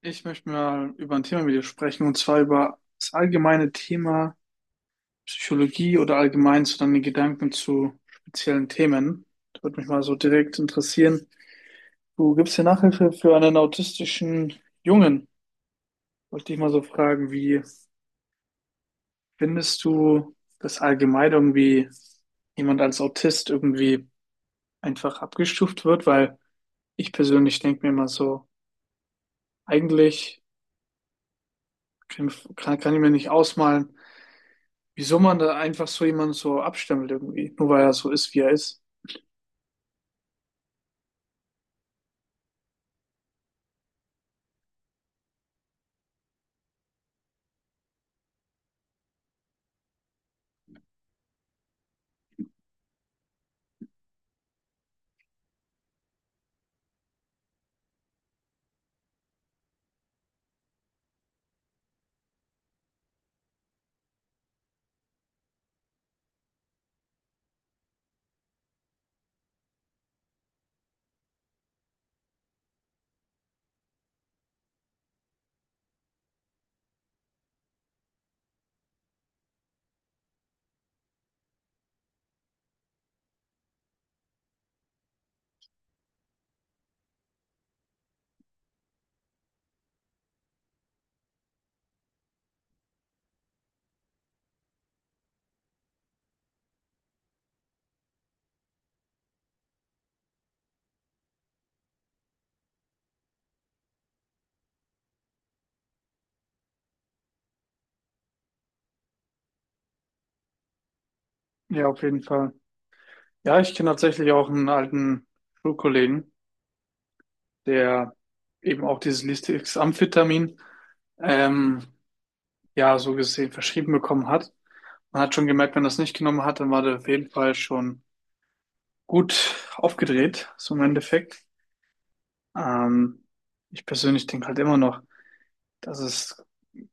Ich möchte mal über ein Thema mit dir sprechen, und zwar über das allgemeine Thema Psychologie oder allgemein so deine Gedanken zu speziellen Themen. Das würde mich mal so direkt interessieren. Du gibst hier Nachhilfe für einen autistischen Jungen. Wollte dich mal so fragen, wie findest du, dass allgemein irgendwie jemand als Autist irgendwie einfach abgestuft wird? Weil ich persönlich denke mir immer so, eigentlich kann, kann ich mir nicht ausmalen, wieso man da einfach so jemanden so abstempelt irgendwie, nur weil er so ist, wie er ist. Ja, auf jeden Fall. Ja, ich kenne tatsächlich auch einen alten Schulkollegen, der eben auch dieses Lisdex-Amphetamin, ähm, ja, so gesehen verschrieben bekommen hat. Man hat schon gemerkt, wenn er es nicht genommen hat, dann war der auf jeden Fall schon gut aufgedreht, so im Endeffekt. Ähm, Ich persönlich denke halt immer noch, dass es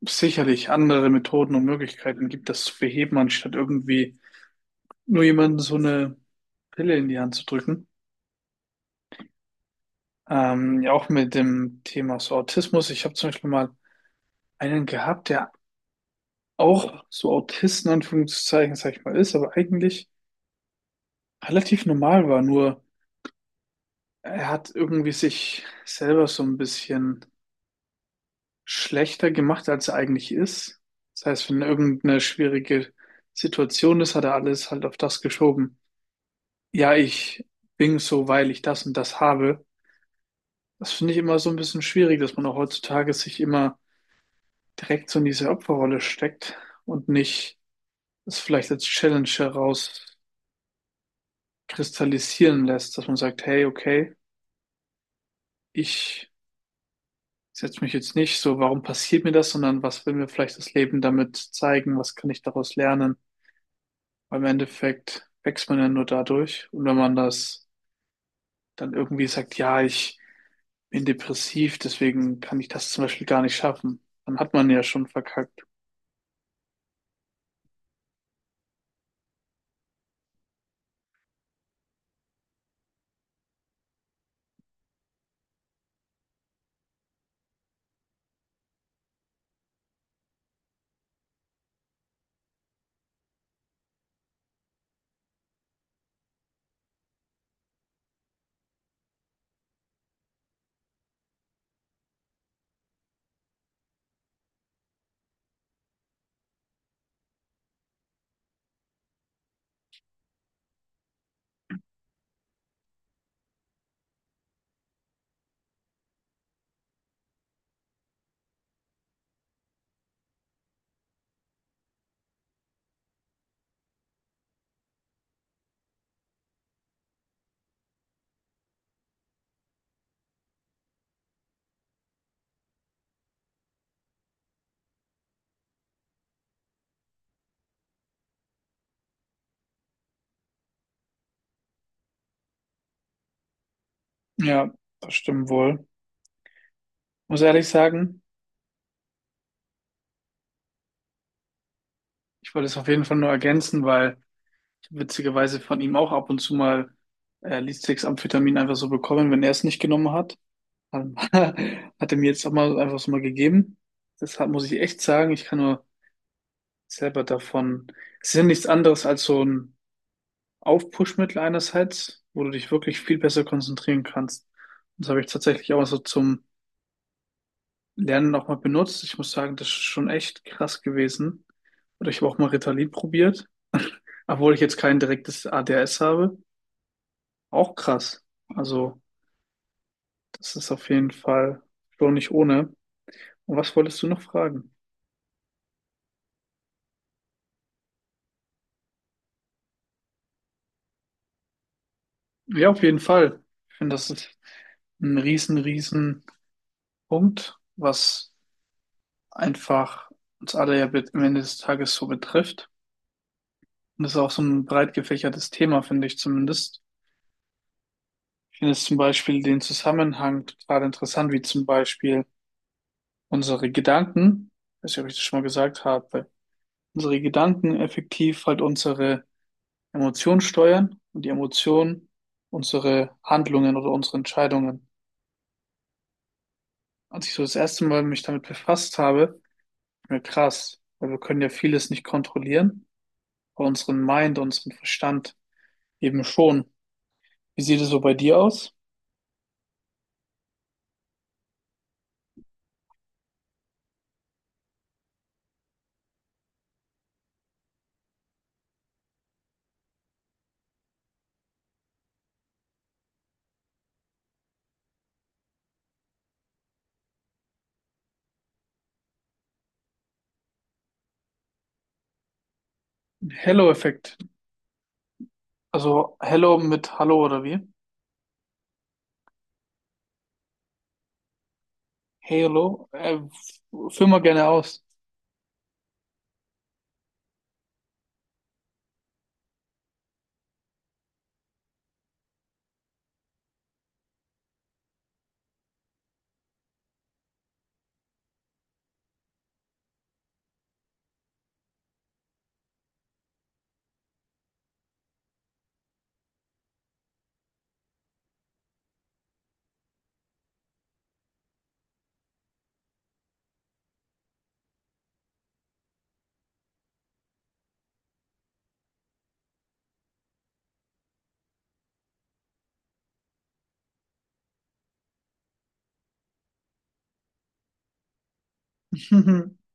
sicherlich andere Methoden und Möglichkeiten gibt, das zu beheben, anstatt irgendwie nur jemandem so eine Pille in die Hand zu drücken. Ja, auch mit dem Thema so Autismus. Ich habe zum Beispiel mal einen gehabt, der auch so Autist in Anführungszeichen, sag ich mal, ist, aber eigentlich relativ normal war. Nur er hat irgendwie sich selber so ein bisschen schlechter gemacht, als er eigentlich ist. Das heißt, wenn irgendeine schwierige Situation ist, hat er alles halt auf das geschoben. Ja, ich bin so, weil ich das und das habe. Das finde ich immer so ein bisschen schwierig, dass man auch heutzutage sich immer direkt so in diese Opferrolle steckt und nicht es vielleicht als Challenge herauskristallisieren lässt, dass man sagt, hey, okay, ich setze mich jetzt nicht so, warum passiert mir das, sondern was will mir vielleicht das Leben damit zeigen, was kann ich daraus lernen? Weil im Endeffekt wächst man ja nur dadurch. Und wenn man das dann irgendwie sagt, ja, ich bin depressiv, deswegen kann ich das zum Beispiel gar nicht schaffen, dann hat man ja schon verkackt. Ja, das stimmt wohl. Muss ehrlich sagen, ich wollte es auf jeden Fall nur ergänzen, weil ich witzigerweise von ihm auch ab und zu mal äh, amphetamin einfach so bekommen, wenn er es nicht genommen hat. Ähm, Hat er mir jetzt auch mal einfach so mal gegeben. Deshalb muss ich echt sagen, ich kann nur selber davon. Es ist ja nichts anderes als so ein Aufpushmittel einerseits, wo du dich wirklich viel besser konzentrieren kannst. Und das habe ich tatsächlich auch so zum Lernen nochmal benutzt. Ich muss sagen, das ist schon echt krass gewesen. Oder ich habe auch mal Ritalin probiert, obwohl ich jetzt kein direktes ADHS habe. Auch krass. Also, das ist auf jeden Fall schon nicht ohne. Und was wolltest du noch fragen? Ja, auf jeden Fall. Ich finde, das ist ein riesen, riesen Punkt, was einfach uns alle ja am Ende des Tages so betrifft. Und das ist auch so ein breit gefächertes Thema, finde ich zumindest. Ich finde jetzt zum Beispiel den Zusammenhang total interessant, wie zum Beispiel unsere Gedanken, ich weiß nicht, ob ich das schon mal gesagt habe, unsere Gedanken effektiv halt unsere Emotionen steuern und die Emotionen unsere Handlungen oder unsere Entscheidungen. Als ich so das erste Mal mich damit befasst habe, ist mir krass, weil wir können ja vieles nicht kontrollieren, aber unseren Mind, unseren Verstand eben schon. Wie sieht es so bei dir aus? Hello-Effekt. Also Hello mit Hallo oder wie? Halo. Führ mal gerne aus.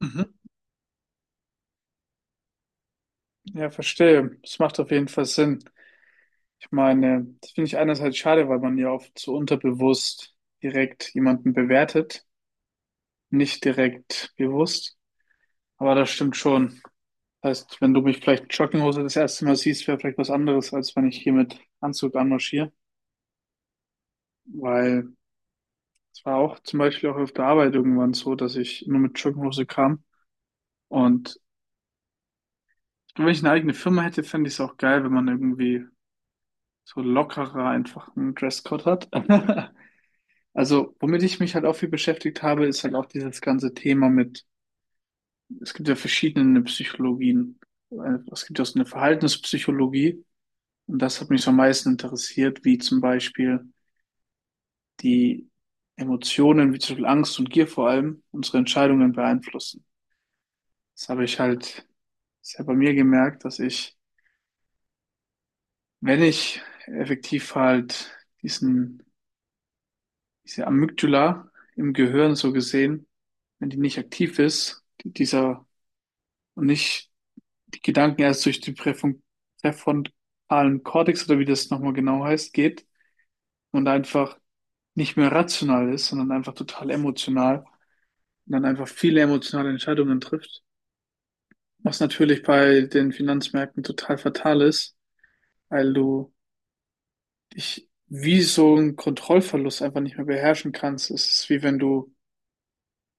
Mhm. Ja, verstehe. Das macht auf jeden Fall Sinn. Ich meine, das finde ich einerseits schade, weil man ja oft so unterbewusst direkt jemanden bewertet, nicht direkt bewusst. Aber das stimmt schon. Heißt, wenn du mich vielleicht in Jogginghose das erste Mal siehst, wäre vielleicht was anderes, als wenn ich hier mit Anzug anmarschiere. Weil es war auch zum Beispiel auch auf der Arbeit irgendwann so, dass ich nur mit Jogginghose kam. Und wenn ich eine eigene Firma hätte, fände ich es auch geil, wenn man irgendwie so lockerer einfach einen Dresscode hat. Also, womit ich mich halt auch viel beschäftigt habe, ist halt auch dieses ganze Thema mit, es gibt ja verschiedene Psychologien. Es gibt ja so eine Verhaltenspsychologie. Und das hat mich so am meisten interessiert, wie zum Beispiel die Emotionen, wie zum Beispiel Angst und Gier vor allem, unsere Entscheidungen beeinflussen. Das habe ich halt sehr bei mir gemerkt, dass ich, wenn ich effektiv halt diesen, diese Amygdala im Gehirn so gesehen, wenn die nicht aktiv ist, und nicht die Gedanken erst durch die präfrontalen Cortex oder wie das nochmal genau heißt, geht und einfach nicht mehr rational ist, sondern einfach total emotional und dann einfach viele emotionale Entscheidungen trifft. Was natürlich bei den Finanzmärkten total fatal ist, weil du dich wie so einen Kontrollverlust einfach nicht mehr beherrschen kannst. Es ist wie wenn du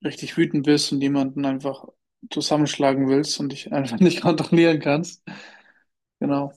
richtig wütend bist und jemanden einfach zusammenschlagen willst und dich einfach nicht kontrollieren kannst. Genau.